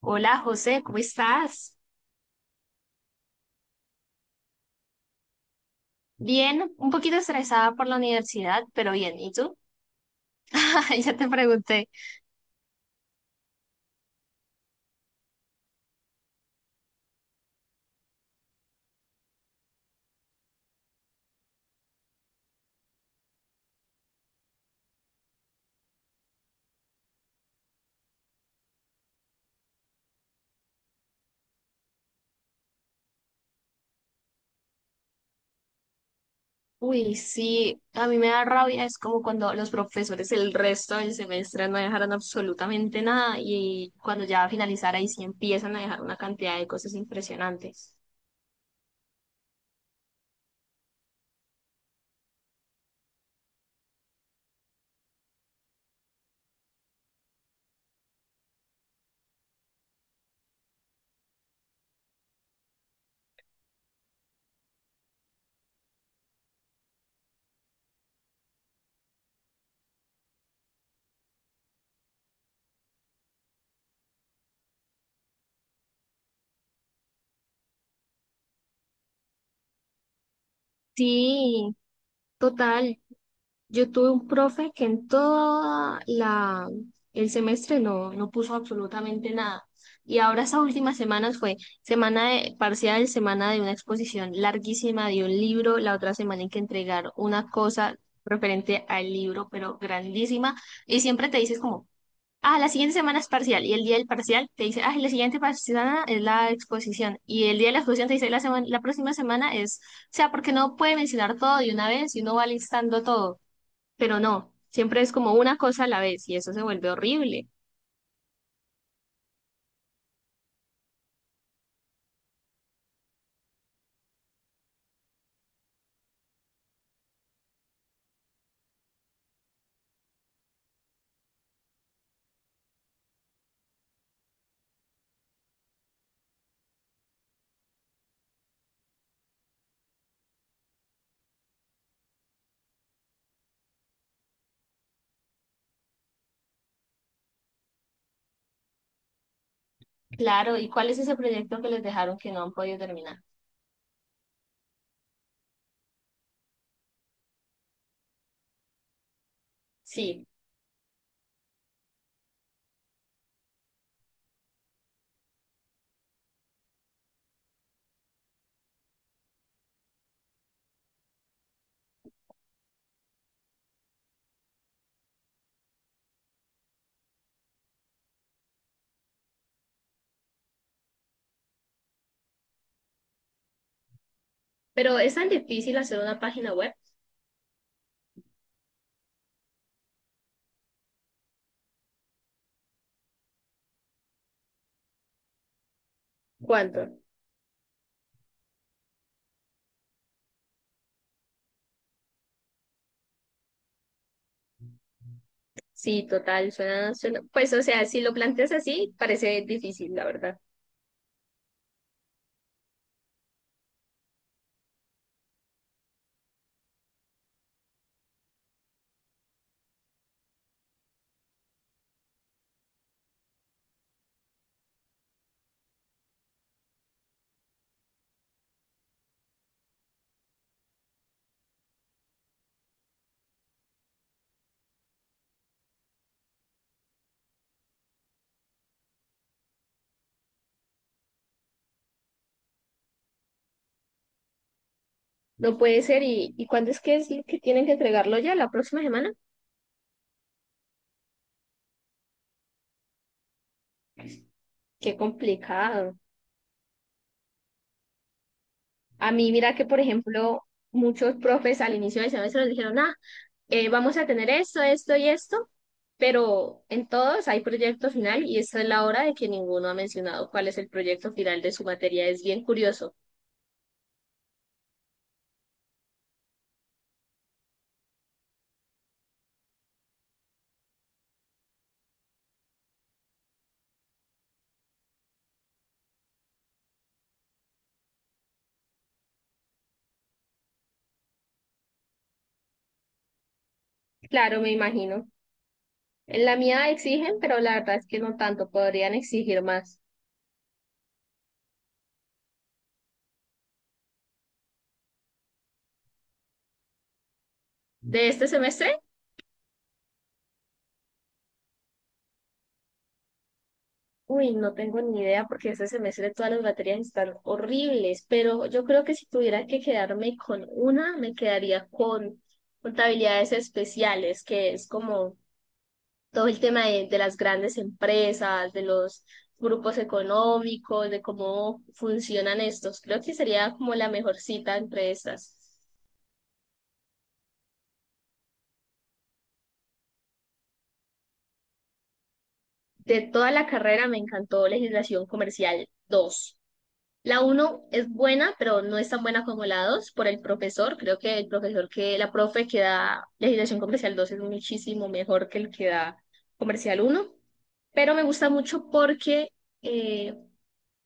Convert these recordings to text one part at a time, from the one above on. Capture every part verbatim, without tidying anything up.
Hola José, ¿cómo estás? Bien, un poquito estresada por la universidad, pero bien, ¿y tú? Ya te pregunté. Uy, sí, a mí me da rabia, es como cuando los profesores el resto del semestre no dejaron absolutamente nada y cuando ya va a finalizar ahí sí empiezan a dejar una cantidad de cosas impresionantes. Sí, total. Yo tuve un profe que en todo la, el semestre no, no puso absolutamente nada. Y ahora esas últimas semanas fue semana de parcial, semana de una exposición larguísima de un libro, la otra semana hay que entregar una cosa referente al libro, pero grandísima. Y siempre te dices como, ah, la siguiente semana es parcial. Y el día del parcial te dice, ah, la siguiente par- semana es la exposición. Y el día de la exposición te dice, la, semana, la próxima semana es, o sea, porque no puede mencionar todo de una vez y uno va listando todo, pero no, siempre es como una cosa a la vez y eso se vuelve horrible. Claro, ¿y cuál es ese proyecto que les dejaron que no han podido terminar? Sí, pero es tan difícil hacer una página web. ¿Cuánto? Sí, total, suena, suena, pues o sea, si lo planteas así, parece difícil, la verdad. No puede ser, ¿y, y cuándo es que es lo que tienen que entregarlo ya? ¿La próxima semana? Qué complicado. A mí, mira que, por ejemplo, muchos profes al inicio del semestre nos dijeron, ah, eh, vamos a tener esto, esto y esto, pero en todos hay proyecto final y esta es la hora de que ninguno ha mencionado cuál es el proyecto final de su materia. Es bien curioso. Claro, me imagino. En la mía exigen, pero la verdad es que no tanto, podrían exigir más. ¿De este semestre? Uy, no tengo ni idea porque este semestre todas las materias están horribles, pero yo creo que si tuviera que quedarme con una, me quedaría con contabilidades especiales, que es como todo el tema de, de las grandes empresas, de los grupos económicos, de cómo funcionan estos. Creo que sería como la mejor cita entre estas. De toda la carrera me encantó legislación comercial dos. La uno es buena, pero no es tan buena como la dos por el profesor. Creo que el profesor que, la profe que da legislación comercial dos es muchísimo mejor que el que da comercial uno. Pero me gusta mucho porque eh,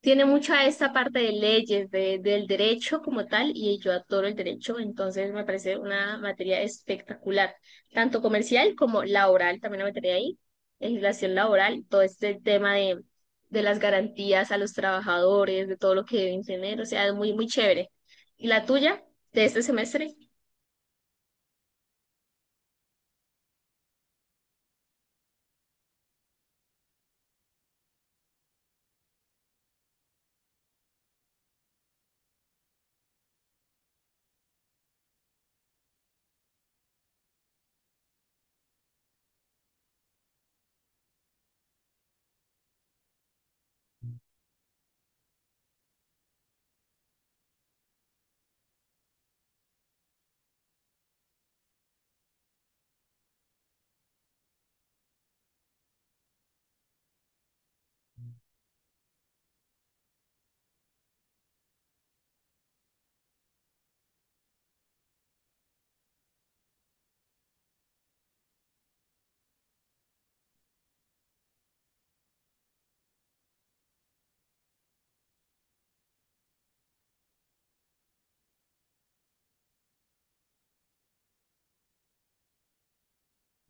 tiene mucha esta parte de leyes, de- del derecho como tal, y yo adoro el derecho, entonces me parece una materia espectacular, tanto comercial como laboral, también la materia ahí, legislación laboral, todo este tema de, de las garantías a los trabajadores, de todo lo que deben tener, o sea, es muy, muy chévere. ¿Y la tuya de este semestre?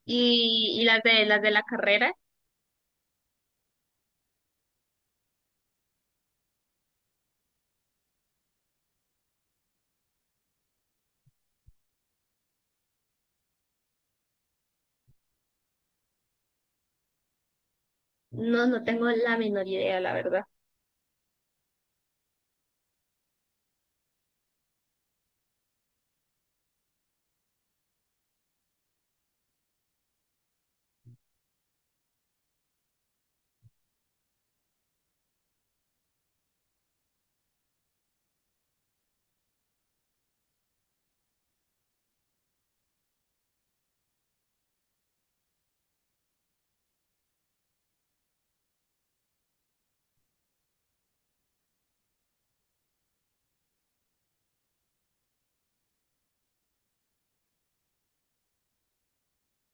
Y, y las de, las de la carrera, no, no tengo la menor idea, la verdad.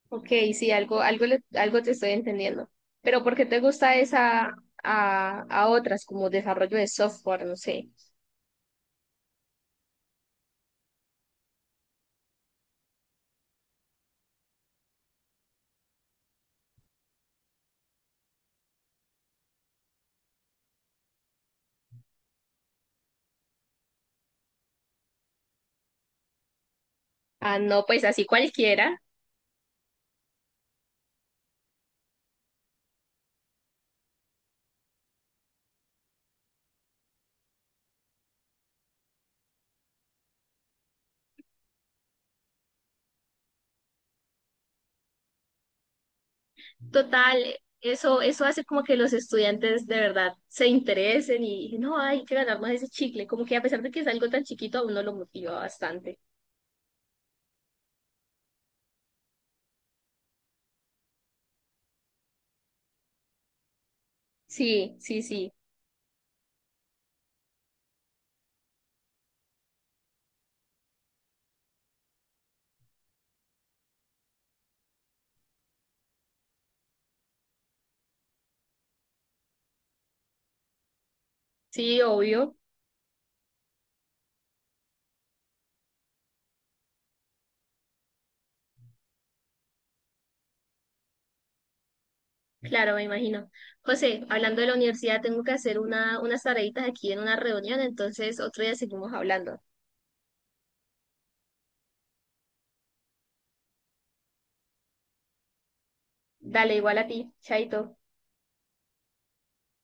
Ok, sí, algo, algo, le- algo te estoy entendiendo. Pero ¿por qué te gusta esa a, a otras como desarrollo de software? No sé. Ah, no, pues así cualquiera. Total, eso, eso hace como que los estudiantes de verdad se interesen y no, hay que ganar más ese chicle. Como que a pesar de que es algo tan chiquito, a uno lo motiva bastante. Sí, sí, sí. Sí, obvio. Claro, me imagino. José, hablando de la universidad, tengo que hacer una, unas tareitas aquí en una reunión, entonces otro día seguimos hablando. Dale, igual a ti, Chaito.